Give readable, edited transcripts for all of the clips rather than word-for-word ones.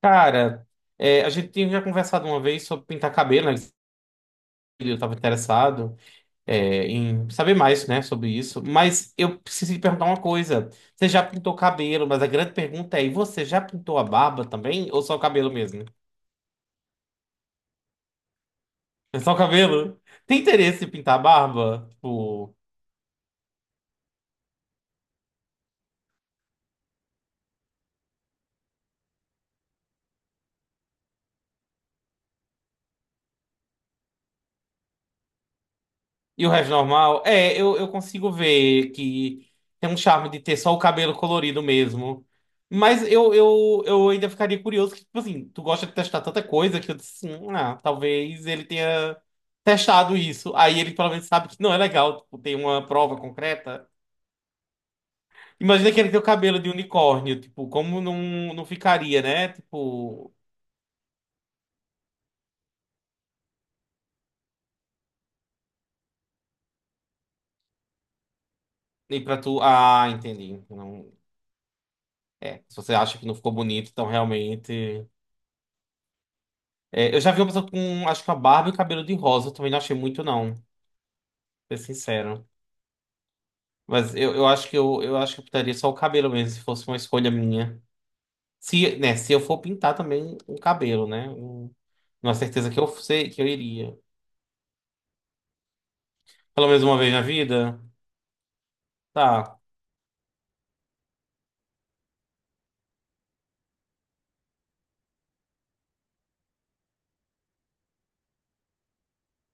Cara, a gente tinha já conversado uma vez sobre pintar cabelo, né? Eu estava interessado, em saber mais, né, sobre isso. Mas eu preciso te perguntar uma coisa. Você já pintou cabelo, mas a grande pergunta é, e você já pintou a barba também? Ou só o cabelo mesmo? É só o cabelo? Tem interesse em pintar a barba? Tipo, e o resto normal? É, eu consigo ver que tem um charme de ter só o cabelo colorido mesmo. Mas eu ainda ficaria curioso que, tipo assim, tu gosta de testar tanta coisa que eu disse, assim, ah, talvez ele tenha testado isso. Aí ele pelo menos sabe que não é legal, tipo, tem uma prova concreta. Imagina que ele tem o cabelo de unicórnio, tipo, como não ficaria, né?" Tipo, nem pra tu. Ah, entendi. Não, se você acha que não ficou bonito, então realmente. É, eu já vi uma pessoa com, acho que uma barba e um cabelo de rosa. Eu também não achei muito, não, pra ser sincero. Mas eu acho que eu pintaria só o cabelo mesmo, se fosse uma escolha minha. Se eu for pintar também o cabelo, né? Uma certeza que eu sei que eu iria. Pelo menos uma vez na vida? Tá.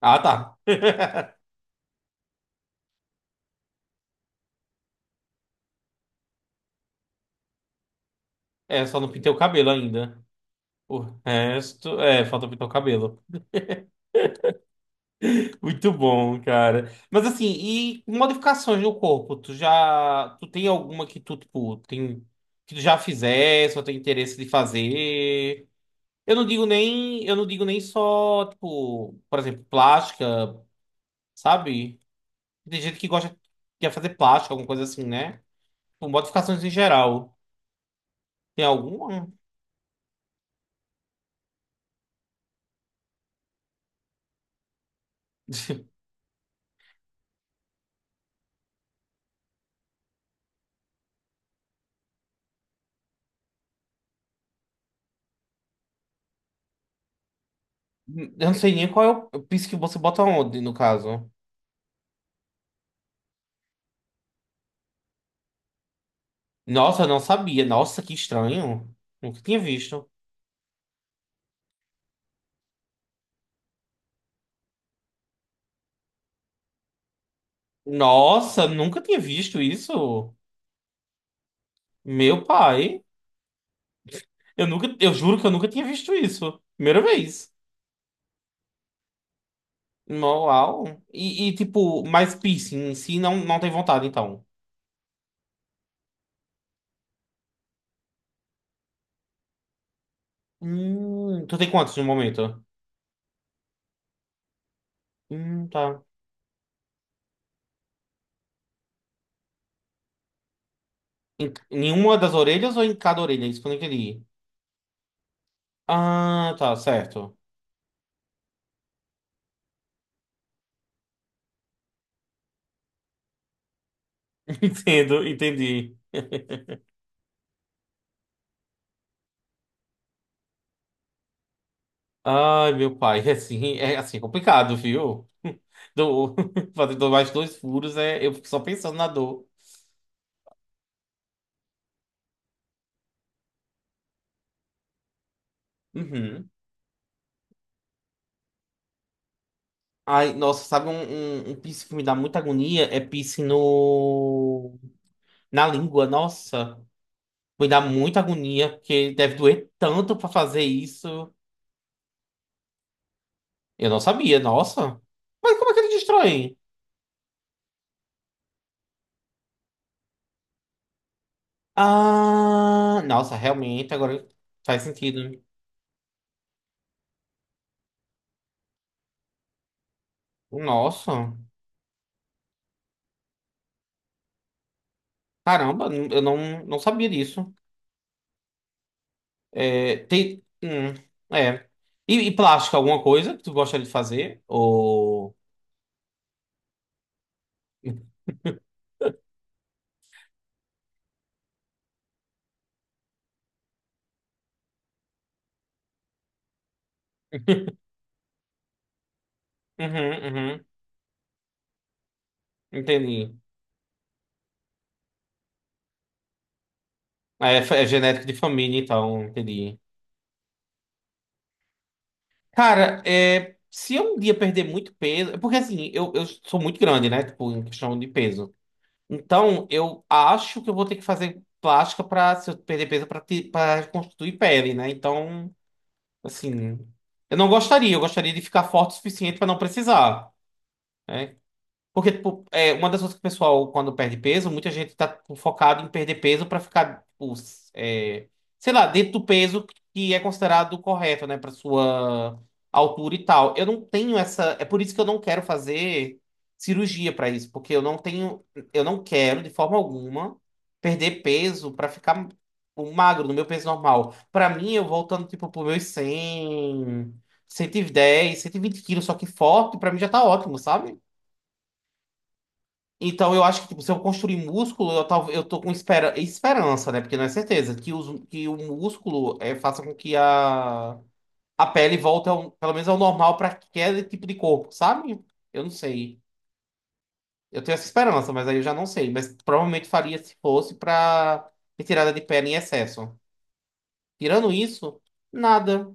Ah, tá. É, só não pintei o cabelo ainda. O resto, falta pintar o cabelo. Muito bom, cara. Mas assim, e modificações no corpo? Tu já. Tu tem alguma que tu, tipo, tem. Que tu já fizesse ou tem interesse de fazer? Eu não digo nem. Eu não digo nem só, tipo, por exemplo, plástica, sabe? Tem gente que gosta de fazer plástica, alguma coisa assim, né? Tipo, modificações em geral. Tem alguma? Eu não sei nem qual é o piso que você bota onde, no caso. Nossa, eu não sabia. Nossa, que estranho. Nunca tinha visto. Nossa, nunca tinha visto isso. Meu pai. Eu juro que eu nunca tinha visto isso. Primeira vez. Uau. E, tipo, mas piercing em si não tem vontade, então. Tu tem quantos no momento? Tá. Em nenhuma das orelhas ou em cada orelha? Isso que eu não entendi. Ah, tá, certo. Entendo, entendi. Ai, meu pai, é assim, é assim, é complicado, viu? Do, fazer mais dois furos, eu fico só pensando na dor. Uhum. Ai, nossa, sabe um piercing que me dá muita agonia? É piercing no... na língua, nossa. Me dá muita agonia, porque deve doer tanto pra fazer isso. Eu não sabia, nossa. Mas como é que ele destrói? Ah, nossa, realmente, agora faz sentido. Nossa, caramba, eu não sabia disso. É, tem, é. E plástico, alguma coisa que tu gostaria de fazer? Ou. Uhum, uhum, entendi. É, é genético de família, então, entendi. Cara, se eu um dia perder muito peso. Porque assim, eu sou muito grande, né? Tipo, em questão de peso. Então, eu acho que eu vou ter que fazer plástica pra, se eu perder peso, pra reconstituir pele, né? Então, assim. Eu não gostaria, eu gostaria de ficar forte o suficiente pra não precisar. Porque, tipo, uma das coisas que o pessoal, quando perde peso, muita gente tá tipo, focado em perder peso pra ficar, tipo, sei lá, dentro do peso que é considerado correto, né, pra sua altura e tal. Eu não tenho essa. É por isso que eu não quero fazer cirurgia pra isso, porque eu não tenho. Eu não quero, de forma alguma, perder peso pra ficar tipo, magro, no meu peso normal. Pra mim, eu voltando, tipo, pro meus 100, 110, 120 quilos, só que forte, pra mim já tá ótimo, sabe? Então, eu acho que tipo, se eu construir músculo, eu tô com esperança, né? Porque não é certeza que o músculo faça com que a pele volte, ao, pelo menos, ao normal para aquele tipo de corpo, sabe? Eu não sei. Eu tenho essa esperança, mas aí eu já não sei. Mas provavelmente faria se fosse para retirada de pele em excesso. Tirando isso, nada.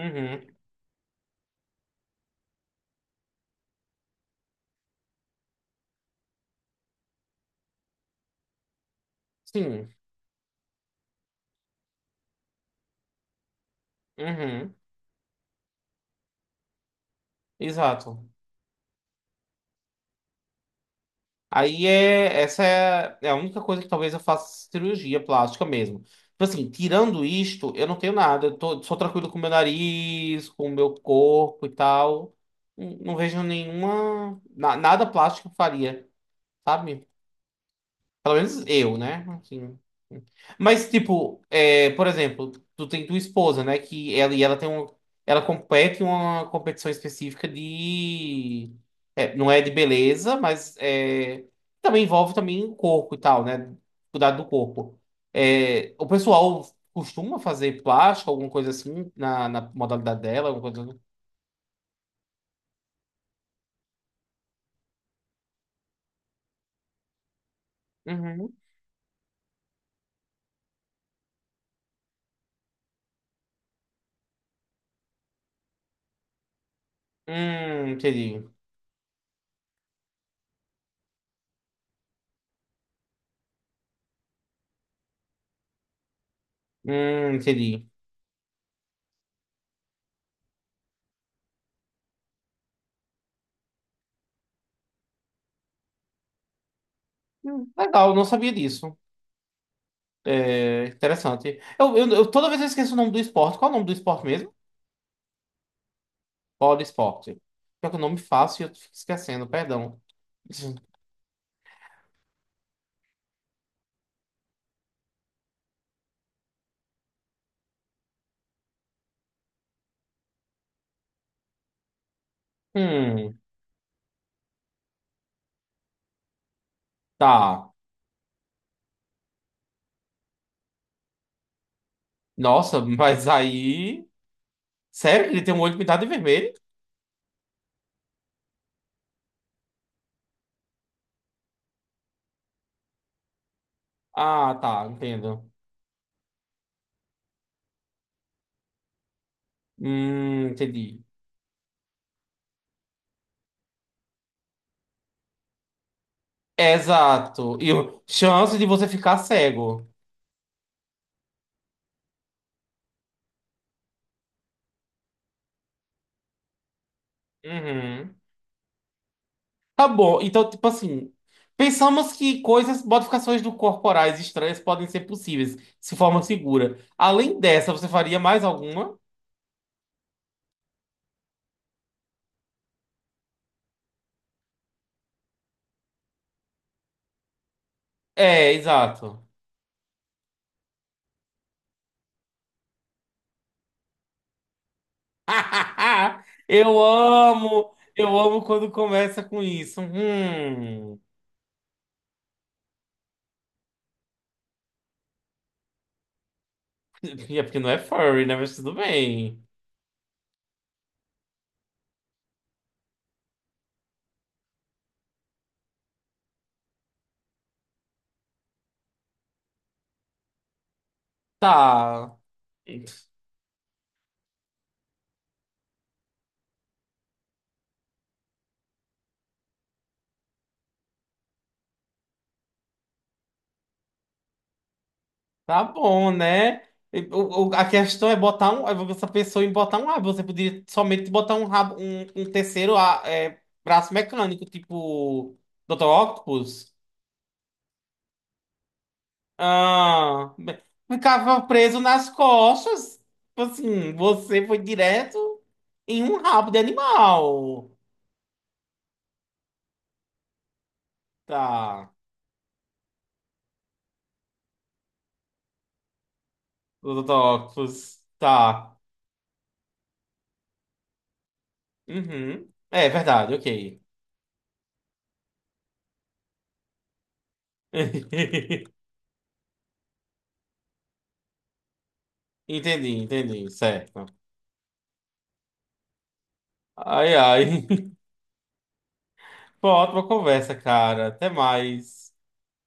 Uhum. Sim. Uhum. Exato. Aí, essa é a única coisa que talvez eu faça cirurgia plástica mesmo. Tipo assim, tirando isto, eu não tenho nada. Eu sou tranquilo com o meu nariz, com o meu corpo e tal. Não, não vejo nenhuma. Nada plástico eu faria, sabe? Pelo menos eu, né? Assim. Mas, tipo, por exemplo, tu tem tua esposa, né? Que ela tem um. Ela compete em uma competição específica de. Não é de beleza, mas também envolve também o corpo e tal, né? Cuidado do corpo. É, o pessoal costuma fazer plástico, alguma coisa assim, na modalidade dela, alguma coisa. Uhum. Entendi. Entendi. Legal, não sabia disso. É, interessante. Toda vez eu esqueço o nome do esporte. Qual é o nome do esporte mesmo? Bola esporte. Pior que o nome fácil e eu fico esquecendo, perdão. Hum, tá. Nossa, mas aí. Sério que ele tem um olho pintado de vermelho? Ah, tá, entendo. Entendi. Exato. E chance de você ficar cego. Uhum. Tá bom, então, tipo assim, pensamos que coisas, modificações do corporais estranhas podem ser possíveis, se forma segura. Além dessa, você faria mais alguma? É, exato. Eu amo quando começa com isso. Hum. É porque não é furry, né? Mas tudo bem. Tá. Tá bom, né? E a questão é botar um, essa pessoa em botar um rabo. Você poderia somente botar um rabo, um terceiro braço mecânico, tipo Dr. Octopus. Ah, ficava preso nas costas. Tipo assim, você foi direto em um rabo de animal. Tá, o Dr. Octopus. Tá. Uhum. É verdade, ok. Entendi, entendi, certo. Ai, ai. Foi uma ótima conversa, cara. Até mais.